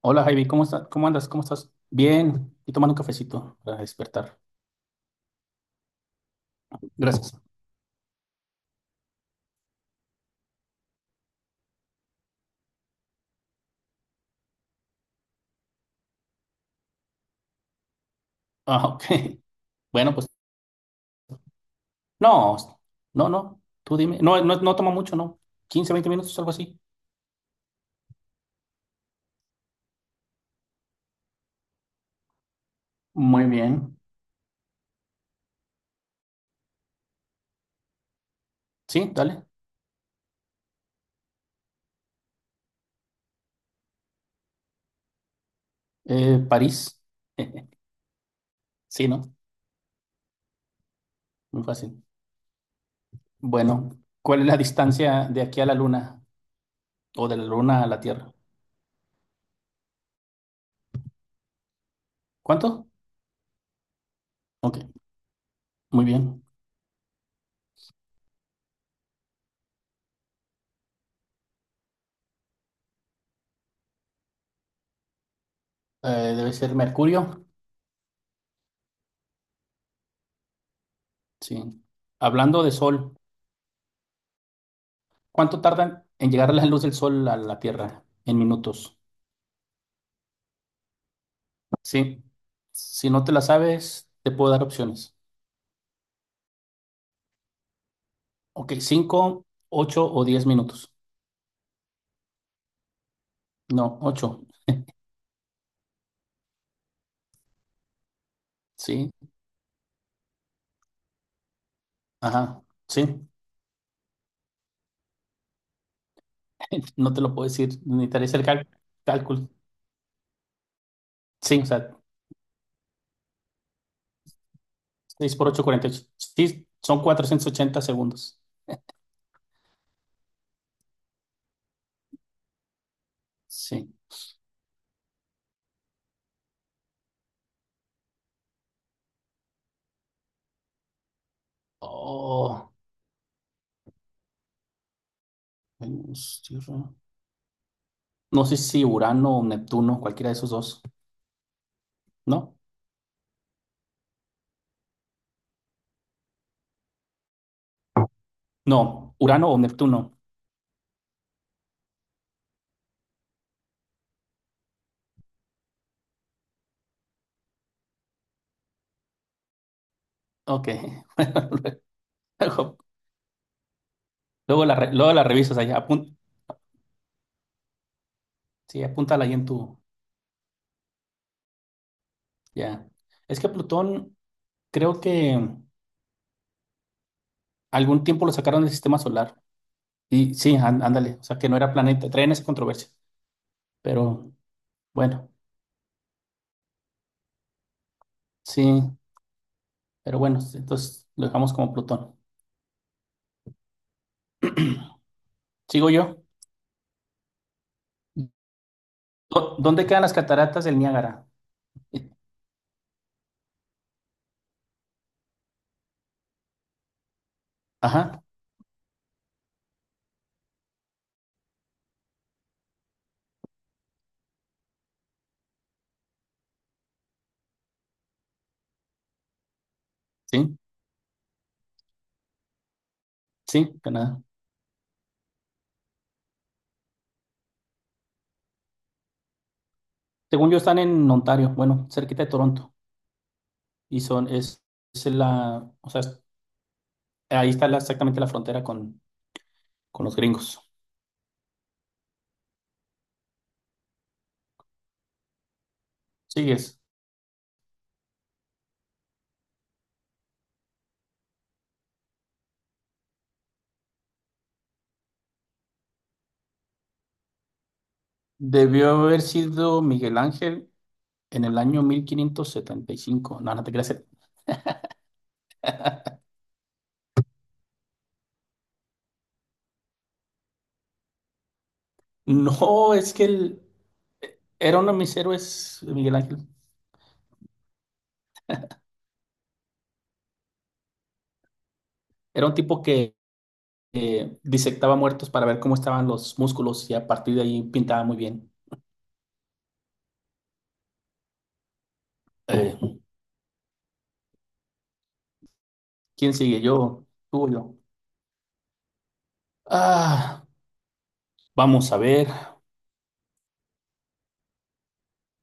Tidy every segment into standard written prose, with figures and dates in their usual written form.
Hola Javi, ¿cómo estás? ¿Cómo andas? ¿Cómo estás? Bien, y tomando un cafecito para despertar. Gracias. Ah, ok. Bueno, pues no, no, no, tú dime. No, no, no toma mucho, ¿no? 15, 20 minutos, algo así. Muy bien. Sí, dale. París. Sí, ¿no? Muy fácil. Bueno, ¿cuál es la distancia de aquí a la Luna o de la Luna a la Tierra? ¿Cuánto? Ok, muy bien. Debe ser Mercurio. Sí. Hablando de Sol. ¿Cuánto tardan en llegar la luz del sol a la Tierra? En minutos. Sí. Si no te la sabes, te puedo dar opciones. Ok, 5, 8 o 10 minutos. No, ocho. Sí. Ajá. Sí. No te lo puedo decir. Ni el cálculo. Sí, o sea, 6 por ocho, 48. Sí, son 480 segundos. Sí. Oh, Venus, Tierra. No sé si Urano o Neptuno, cualquiera de esos dos. ¿No? No, Urano o Neptuno. Ok. Luego, luego la revisas allá. Sí, apúntala ahí en tu. Ya. Es que Plutón, creo que algún tiempo lo sacaron del sistema solar. Y sí, ándale. O sea, que no era planeta. Traen esa controversia. Pero bueno, sí. Pero bueno, entonces lo dejamos como Plutón. Sigo yo. ¿Dónde quedan las cataratas del Niágara? Eh, Ajá. Sí, sí, Canadá. Según yo, están en Ontario. Bueno, cerquita de Toronto. Y son. Es la. O sea, ahí está exactamente la frontera con los gringos. Sigues. Debió haber sido Miguel Ángel en el año 1575. No, no te creas. No, es que él era uno de mis héroes, Miguel Ángel. Era un tipo que disectaba muertos para ver cómo estaban los músculos y a partir de ahí pintaba muy bien. Eh, ¿Quién sigue? Yo, tú o yo. Ah, vamos a ver.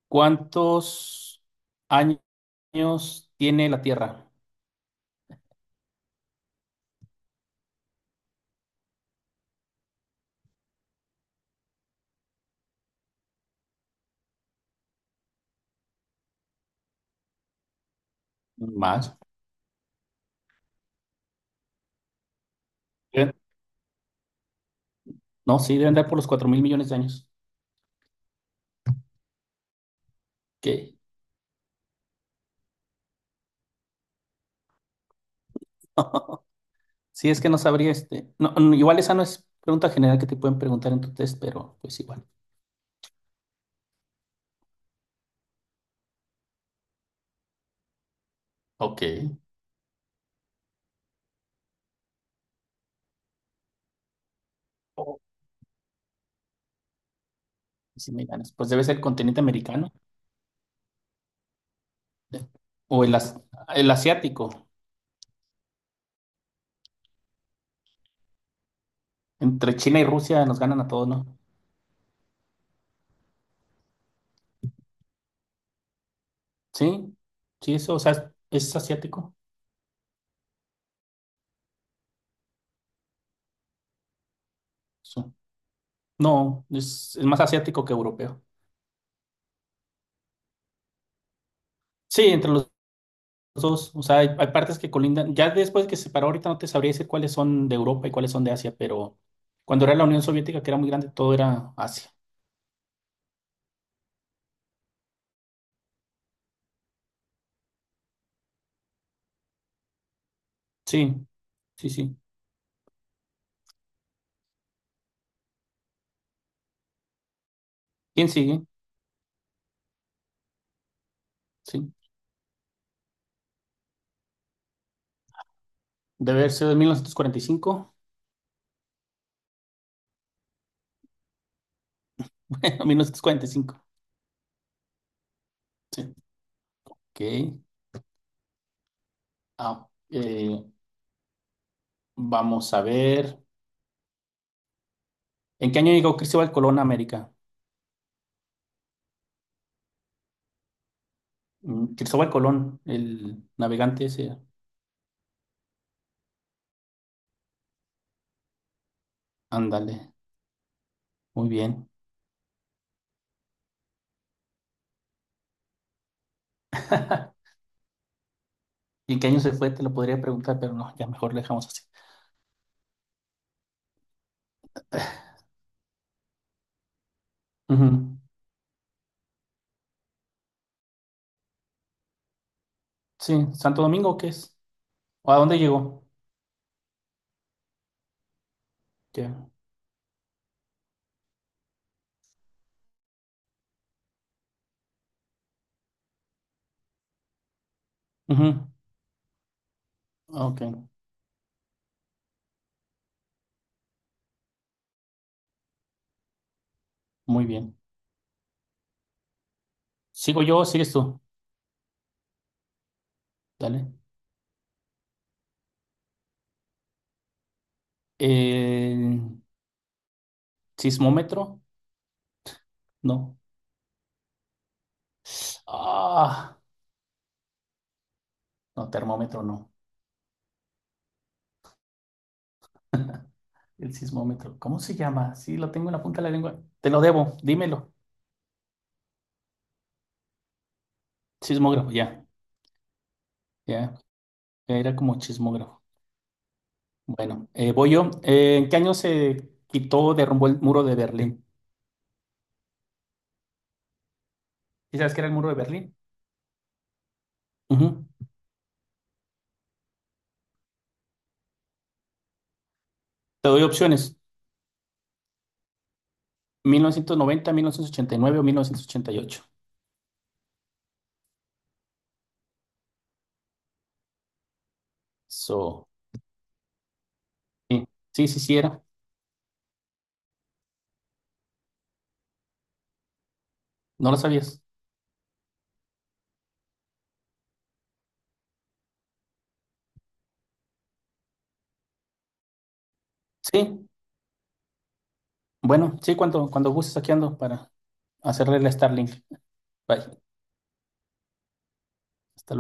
¿Cuántos años tiene la Tierra? Más. ¿Eh? No, sí, deben dar por los 4 mil millones de años. Ok. Sí, es que no sabría este. No, no, igual esa no es pregunta general que te pueden preguntar en tu test, pero pues igual. Ok. Oh, sí me ganas. Pues debe ser el continente americano, eh, o el asiático. Entre China y Rusia nos ganan a todos, ¿no? Sí, sí, eso, o sea, es asiático. Sí. No, es más asiático que europeo. Sí, entre los dos, o sea, hay partes que colindan, ya después que se separó ahorita no te sabría decir cuáles son de Europa y cuáles son de Asia, pero cuando era la Unión Soviética, que era muy grande, todo era Asia. Sí, sí, sí. ¿Quién sigue? Sí. Debe haber sido de 1945. 1945. Sí. Ok. Ah, vamos a ver. ¿En qué año llegó Cristóbal Colón a América? Mm, Cristóbal Colón, el navegante ese. Ándale, muy bien. ¿Y en qué año se fue? Te lo podría preguntar, pero no, ya mejor lo dejamos así. Ujú. Sí, Santo Domingo, ¿qué es? ¿O a dónde llegó? Ya. Ujú. Ok, muy bien. ¿Sigo yo o sigues tú? Dale. ¿El sismómetro? No. Ah, no, termómetro no. El sismómetro, ¿cómo se llama? Sí, lo tengo en la punta de la lengua. Te lo debo, dímelo. Sismógrafo, ya, ya. Era como chismógrafo. Bueno, voy yo. ¿En qué año se quitó, derrumbó el muro de Berlín? ¿Y sabes qué era el muro de Berlín? Ujú. Te doy opciones. Mil novecientos noventa, 1989 o 1988. So, sí, sí, sí, sí era. No lo sabías. Sí, bueno, sí, cuando gustes aquí ando para hacerle la Starlink. Bye. Hasta luego.